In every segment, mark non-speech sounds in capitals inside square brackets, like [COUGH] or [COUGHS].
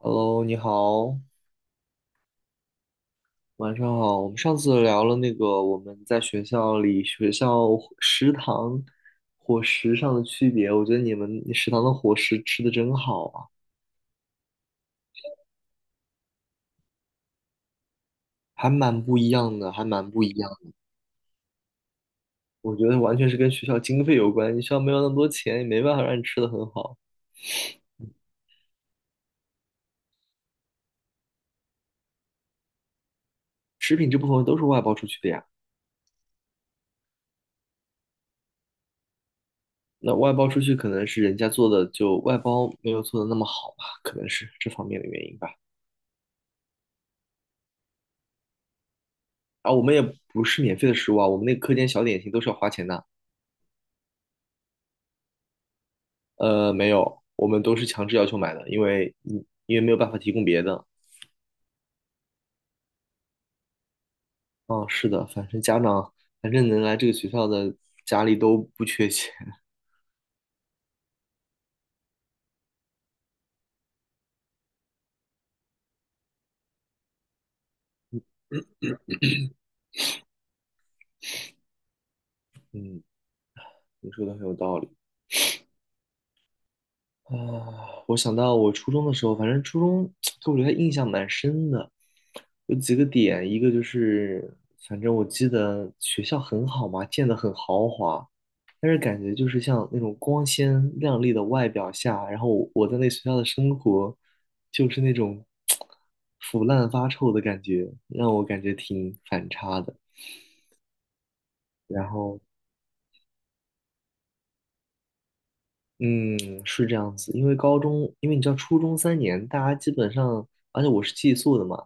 Hello，你好，晚上好。我们上次聊了我们在学校里、学校食堂伙食上的区别，我觉得你们食堂的伙食吃的真好啊，还蛮不一样的，还蛮不一样的。我觉得完全是跟学校经费有关，你学校没有那么多钱，也没办法让你吃的很好。食品这部分都是外包出去的呀，那外包出去可能是人家做的就外包没有做的那么好吧，可能是这方面的原因吧。啊，我们也不是免费的食物啊，我们那个课间小点心都是要花钱的。没有，我们都是强制要求买的，因为没有办法提供别的。嗯，是的，反正家长，反正能来这个学校的家里都不缺钱。嗯，你说的很有道理。啊，我想到我初中的时候，反正初中 [TSK] 给我留下印象蛮深的，有几个点，一个就是，反正我记得学校很好嘛，建的很豪华，但是感觉就是像那种光鲜亮丽的外表下，然后我在那学校的生活，就是那种 [TSK] 腐烂发臭的感觉，让我感觉挺反差的。然后嗯，是这样子，因为你知道初中三年，大家基本上，而且我是寄宿的嘛，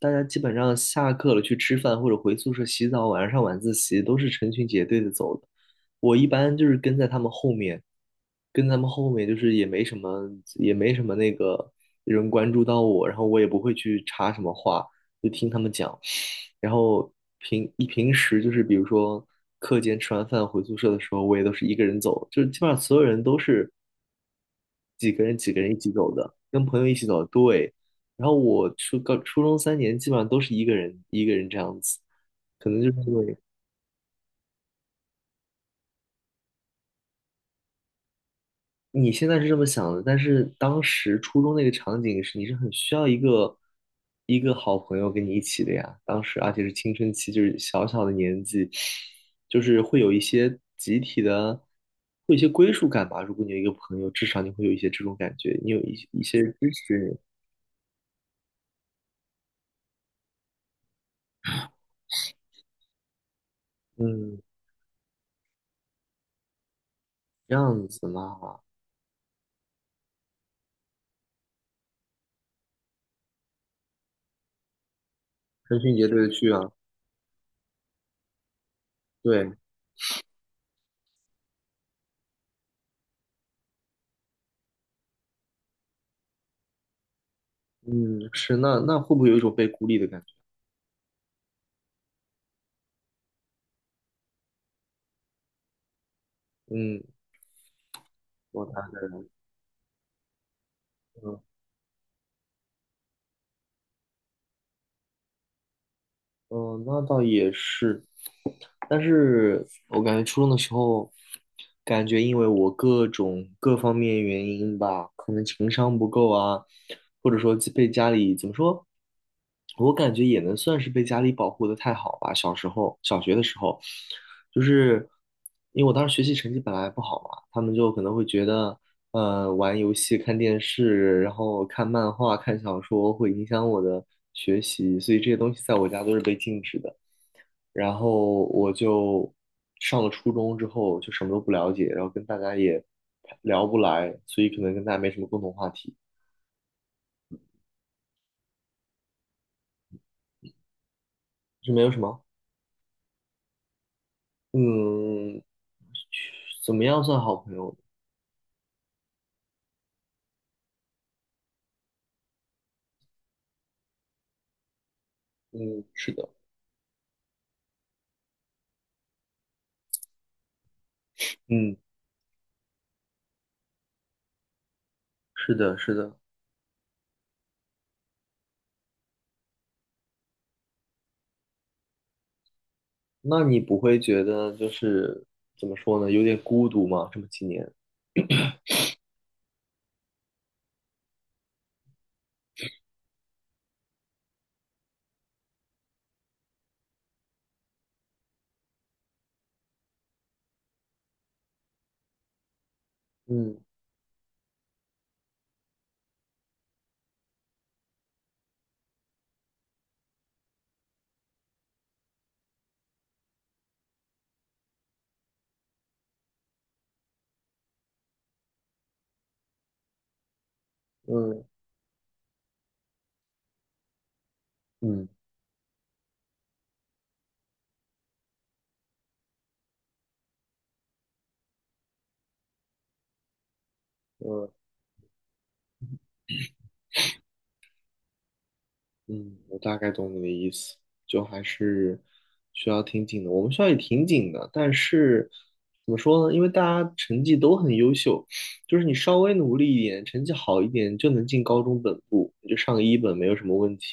大家基本上下课了去吃饭或者回宿舍洗澡，晚上上晚自习都是成群结队的走的。我一般就是跟在他们后面，跟他们后面就是也没什么，也没什么人关注到我，然后我也不会去插什么话，就听他们讲。然后平时就是比如说课间吃完饭回宿舍的时候，我也都是一个人走，就是基本上所有人都是几个人几个人一起走的，跟朋友一起走。对，然后我初中三年基本上都是一个人一个人这样子，可能就是因为你现在是这么想的，但是当时初中那个场景是你是很需要一个好朋友跟你一起的呀。当时而且是青春期，就是小小的年纪，就是会有一些集体的，会有一些归属感吧。如果你有一个朋友，至少你会有一些这种感觉，你有一些支持你。嗯，这样子嘛，成群结队的去啊，对，嗯，是。那那会不会有一种被孤立的感觉？嗯，我大概，嗯。嗯，那倒也是，但是我感觉初中的时候，感觉因为我各方面原因吧，可能情商不够啊，或者说被家里怎么说，我感觉也能算是被家里保护的太好吧。小时候，小学的时候，就是因为我当时学习成绩本来不好嘛，他们就可能会觉得玩游戏、看电视，然后看漫画、看小说，会影响我的学习，所以这些东西在我家都是被禁止的。然后我就上了初中之后，就什么都不了解，然后跟大家也聊不来，所以可能跟大家没什么共同话题，就没有什么。嗯，怎么样算好朋友？嗯，是的。嗯，是的，是的。那你不会觉得就是怎么说呢，有点孤独吗？这么几年，嗯嗯嗯。呃，嗯，我大概懂你的意思，就还是学校挺紧的。我们学校也挺紧的，但是怎么说呢？因为大家成绩都很优秀，就是你稍微努力一点，成绩好一点，就能进高中本部，你就上个一本没有什么问题。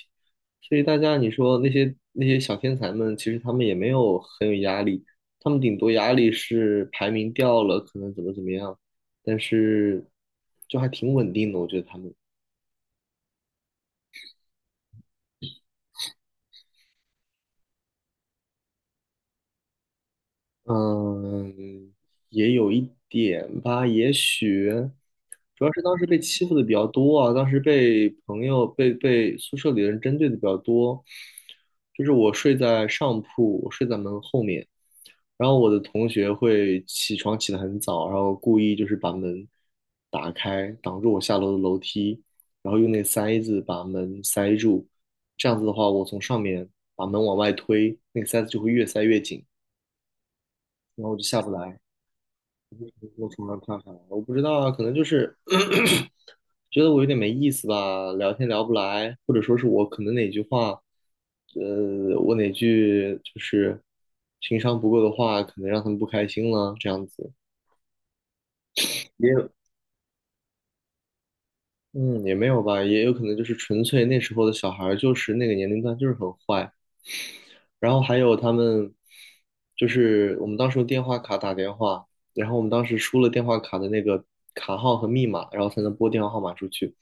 所以大家你说那些小天才们，其实他们也没有很有压力，他们顶多压力是排名掉了，可能怎么怎么样，但是就还挺稳定的，我觉得他们。嗯，也有一点吧，也许主要是当时被欺负的比较多啊，当时被朋友、被宿舍里的人针对的比较多。就是我睡在上铺，我睡在门后面，然后我的同学会起床起得很早，然后故意就是把门打开，挡住我下楼的楼梯，然后用那塞子把门塞住。这样子的话，我从上面把门往外推，那个塞子就会越塞越紧，然后我就下不来。我从来不看韩，我不知道啊，可能就是 [COUGHS] [CLEARS THROAT] 觉得我有点没意思吧，聊天聊不来，呃，我哪句就是情商不够的话，可能让他们不开心了，这样子。也有，嗯，也没有吧，也有可能就是纯粹那时候的小孩儿就是那个年龄段就是很坏，然后还有他们，就是我们当时用电话卡打电话，然后我们当时输了电话卡的那个卡号和密码，然后才能拨电话号码出去。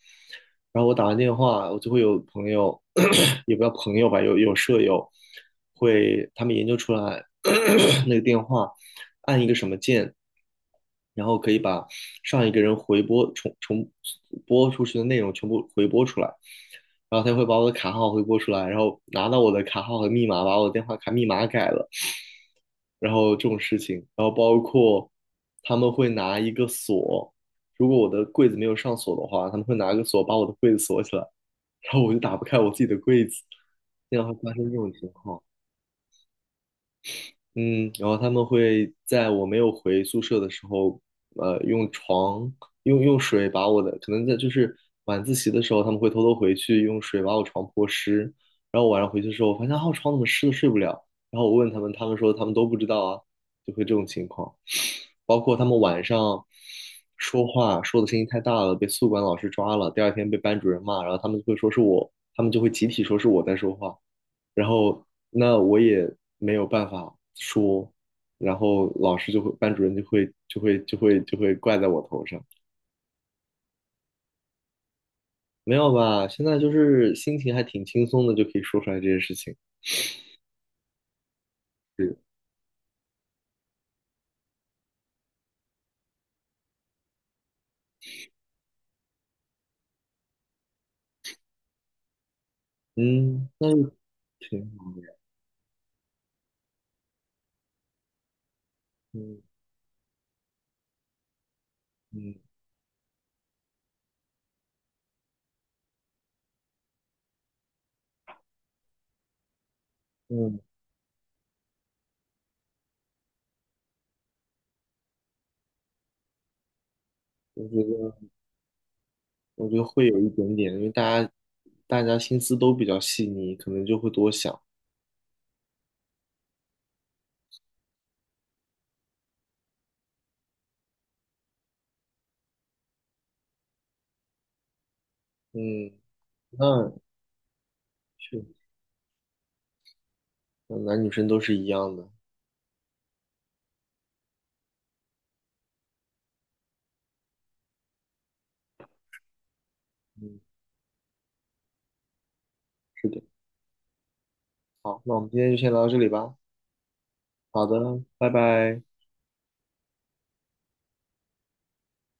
然后我打完电话，我就会有朋友，[CLEARS THROAT] 也不叫朋友吧，有舍友会，他们研究出来 [COUGHS] [CLEARS THROAT] 那个电话按一个什么键，然后可以把上一个人回拨重播出去的内容全部回拨出来。然后他会把我的卡号回拨出来，然后拿到我的卡号和密码，把我的电话卡密码改了，然后这种事情，然后包括他们会拿一个锁，如果我的柜子没有上锁的话，他们会拿个锁把我的柜子锁起来，然后我就打不开我自己的柜子，经常会发生这种情况。嗯，然后他们会在我没有回宿舍的时候，呃，用床用水把我的，可能在就是晚自习的时候，他们会偷偷回去用水把我床泼湿，然后晚上回去的时候，我发现啊，我床怎么湿的睡不了，然后我问他们，他们说他们都不知道啊，就会这种情况，包括他们晚上说话说的声音太大了，被宿管老师抓了，第二天被班主任骂，然后他们会说是我，他们就会集体说是我在说话，然后那我也没有办法说，然后老师就会，班主任就会怪在我头上。没有吧？现在就是心情还挺轻松的，就可以说出来这些事情。是，嗯，那就挺好。嗯嗯嗯，我觉得我觉得会有一点点，因为大家心思都比较细腻，可能就会多想。嗯，那是，嗯男女生都是一样的。嗯，是的。好，那我们今天就先聊到这里吧。好的，拜拜。